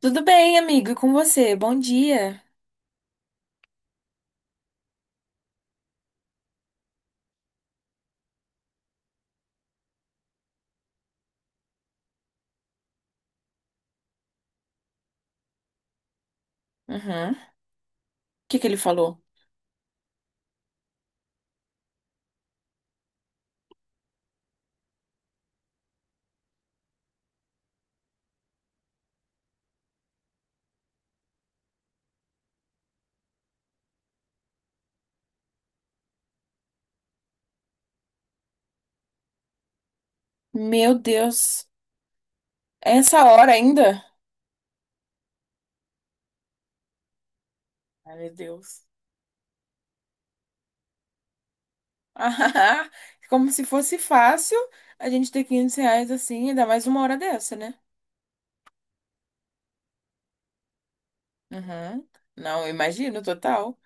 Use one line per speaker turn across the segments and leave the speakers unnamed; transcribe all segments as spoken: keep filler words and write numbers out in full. Tudo bem, amigo, e com você? Bom dia. Uhum. O que que ele falou? Meu Deus, essa hora ainda? Ai, meu Deus. Como se fosse fácil a gente ter quinhentos reais assim, ainda mais uma hora dessa, né? Uhum. Não, eu imagino, total.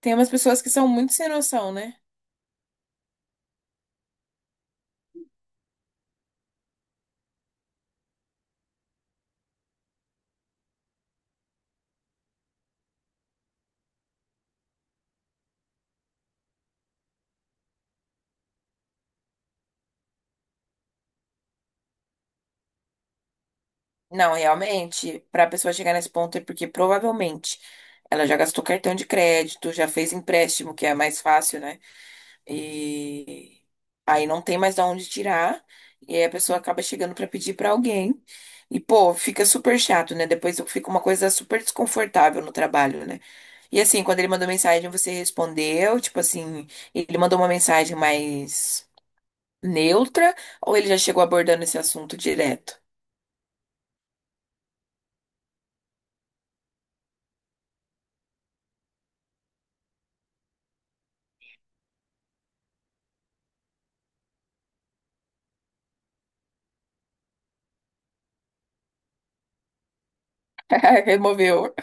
Tem umas pessoas que são muito sem noção, né? Não, realmente, para a pessoa chegar nesse ponto é porque provavelmente ela já gastou cartão de crédito, já fez empréstimo, que é mais fácil, né? E aí não tem mais de onde tirar. E aí a pessoa acaba chegando pra pedir pra alguém. E, pô, fica super chato, né? Depois fica uma coisa super desconfortável no trabalho, né? E assim, quando ele mandou mensagem, você respondeu, tipo assim, ele mandou uma mensagem mais neutra, ou ele já chegou abordando esse assunto direto? Removeu.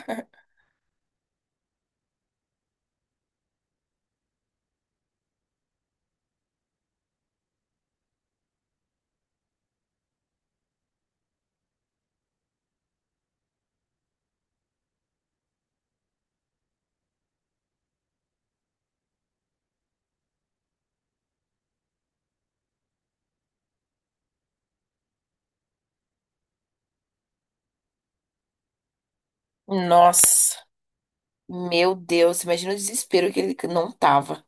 Nossa, meu Deus, imagina o desespero que ele não tava.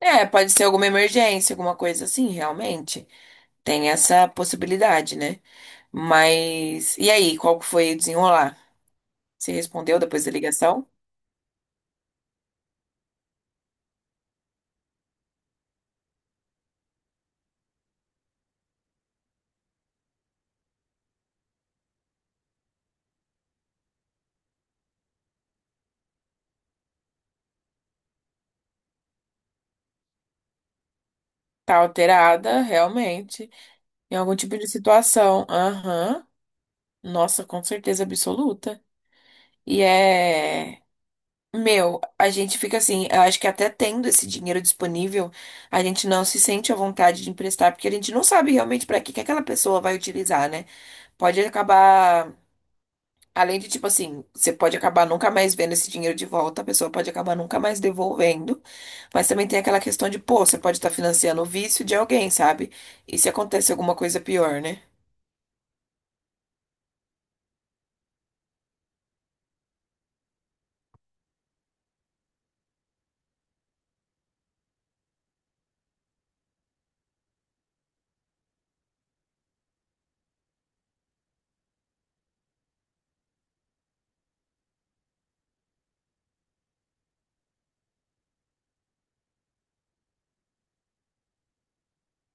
É, pode ser alguma emergência, alguma coisa assim, realmente. Tem essa possibilidade, né? Mas. E aí, qual que foi o desenrolar? Você respondeu depois da ligação? Tá alterada, realmente, em algum tipo de situação. Aham. Nossa, com certeza absoluta. E é. Meu, a gente fica assim, eu acho que até tendo esse dinheiro disponível, a gente não se sente à vontade de emprestar, porque a gente não sabe realmente para que que aquela pessoa vai utilizar, né? Pode acabar, além de tipo assim, você pode acabar nunca mais vendo esse dinheiro de volta, a pessoa pode acabar nunca mais devolvendo, mas também tem aquela questão de, pô, você pode estar financiando o vício de alguém, sabe? E se acontece alguma coisa pior, né?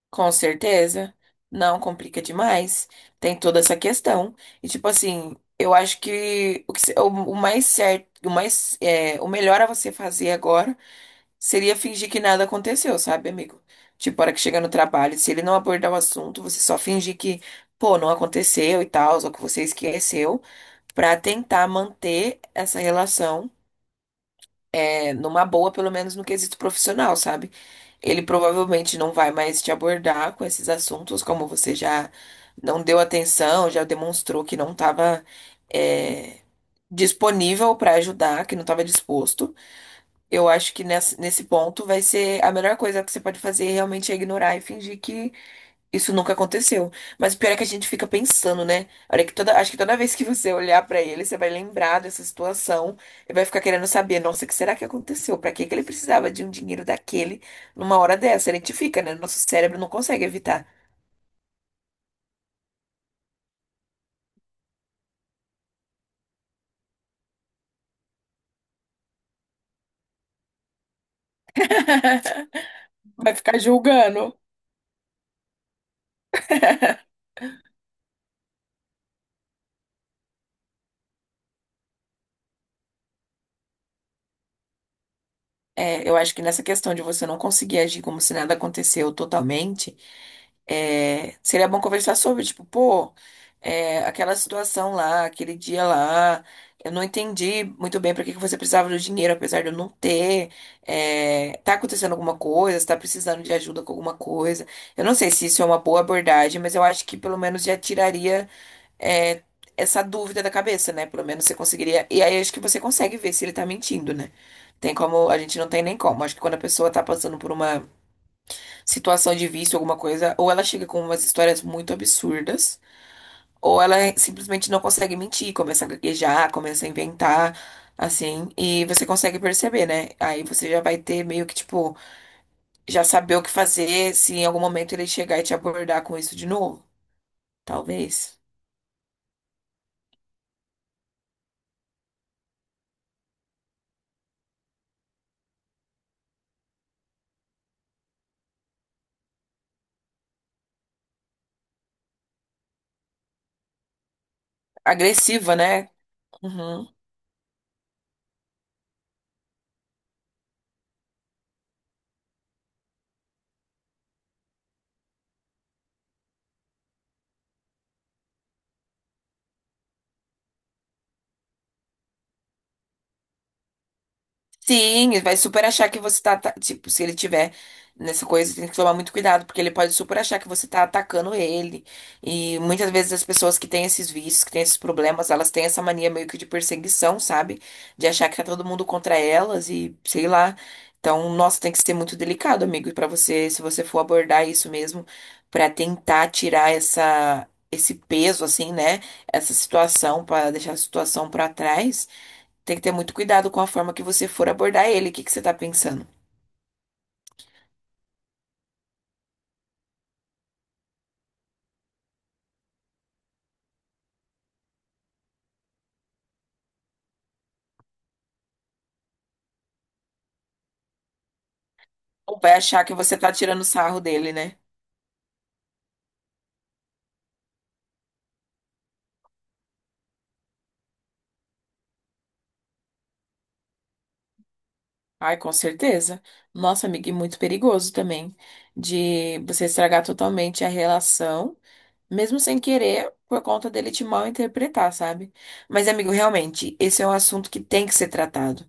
Com certeza. Não complica demais. Tem toda essa questão. E tipo assim, eu acho que o, que se- o- o mais certo, o mais, é, o melhor a você fazer agora seria fingir que nada aconteceu, sabe, amigo? Tipo, a hora que chega no trabalho, se ele não abordar o assunto, você só fingir que, pô, não aconteceu e tal, ou que você esqueceu, pra tentar manter essa relação é, numa boa, pelo menos no quesito profissional, sabe? Ele provavelmente não vai mais te abordar com esses assuntos, como você já não deu atenção, já demonstrou que não estava disponível para ajudar, que não estava disposto. Eu acho que nessa- nesse ponto vai ser a melhor coisa que você pode fazer realmente é ignorar e fingir que isso nunca aconteceu. Mas o pior é que a gente fica pensando, né? Olha que toda, acho que toda vez que você olhar pra ele, você vai lembrar dessa situação e vai ficar querendo saber, nossa, o que será que aconteceu? Pra que que ele precisava de um dinheiro daquele numa hora dessa? A gente fica, né? Nosso cérebro não consegue evitar. Vai ficar julgando. É, eu acho que nessa questão de você não conseguir agir como se nada aconteceu totalmente, é, seria bom conversar sobre, tipo, pô, é, aquela situação lá, aquele dia lá, eu não entendi muito bem para que que você precisava do dinheiro, apesar de eu não ter, é, tá acontecendo alguma coisa, você tá precisando de ajuda com alguma coisa. Eu não sei se isso é uma boa abordagem, mas eu acho que pelo menos já tiraria é, essa dúvida da cabeça, né? Pelo menos você conseguiria. E aí acho que você consegue ver se ele tá mentindo, né? Tem como. A gente não tem nem como. Acho que quando a pessoa tá passando por uma situação de vício, alguma coisa, ou ela chega com umas histórias muito absurdas, ou ela simplesmente não consegue mentir, começa a gaguejar, começa a inventar. Assim, e você consegue perceber, né? Aí você já vai ter meio que, tipo, já saber o que fazer se em algum momento ele chegar e te abordar com isso de novo. Talvez. Agressiva, né? Uhum. Sim, ele vai super achar que você tá, ata- tipo, se ele tiver nessa coisa, tem que tomar muito cuidado, porque ele pode super achar que você tá atacando ele. E muitas vezes as pessoas que têm esses vícios, que têm esses problemas, elas têm essa mania meio que de perseguição, sabe? De achar que tá todo mundo contra elas e sei lá. Então, nossa, tem que ser muito delicado, amigo, pra você, se você for abordar isso mesmo, pra tentar tirar essa esse peso assim, né? Essa situação, pra deixar a situação pra trás. Tem que ter muito cuidado com a forma que você for abordar ele. O que que você tá pensando? Ou vai achar que você tá tirando sarro dele, né? Ai, com certeza. Nossa, amiga, e muito perigoso também de você estragar totalmente a relação, mesmo sem querer, por conta dele te mal interpretar, sabe? Mas, amigo, realmente, esse é um assunto que tem que ser tratado,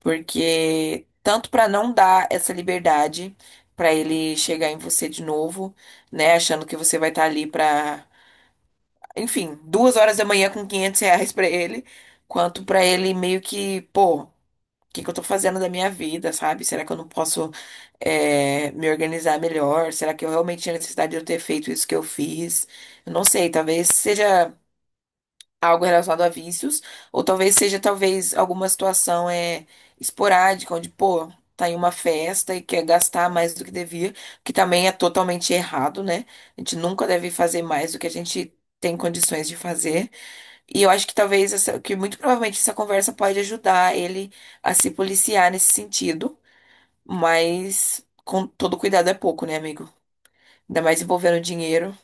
porque tanto pra não dar essa liberdade pra ele chegar em você de novo, né, achando que você vai estar ali pra enfim, duas horas da manhã com quinhentos reais pra ele, quanto pra ele meio que, pô, o que que eu tô fazendo da minha vida, sabe? Será que eu não posso é, me organizar melhor? Será que eu realmente tinha necessidade de eu ter feito isso que eu fiz? Eu não sei, talvez seja algo relacionado a vícios, ou talvez seja, talvez, alguma situação é, esporádica, onde, pô, tá em uma festa e quer gastar mais do que devia, que também é totalmente errado, né? A gente nunca deve fazer mais do que a gente tem condições de fazer. E eu acho que talvez, essa, que muito provavelmente essa conversa pode ajudar ele a se policiar nesse sentido, mas com todo cuidado é pouco, né, amigo? Ainda mais envolvendo dinheiro.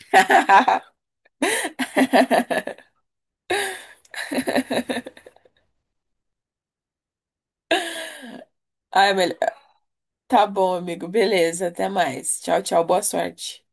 Ai, melhor. Tá bom, amigo, beleza, até mais. Tchau, tchau, boa sorte.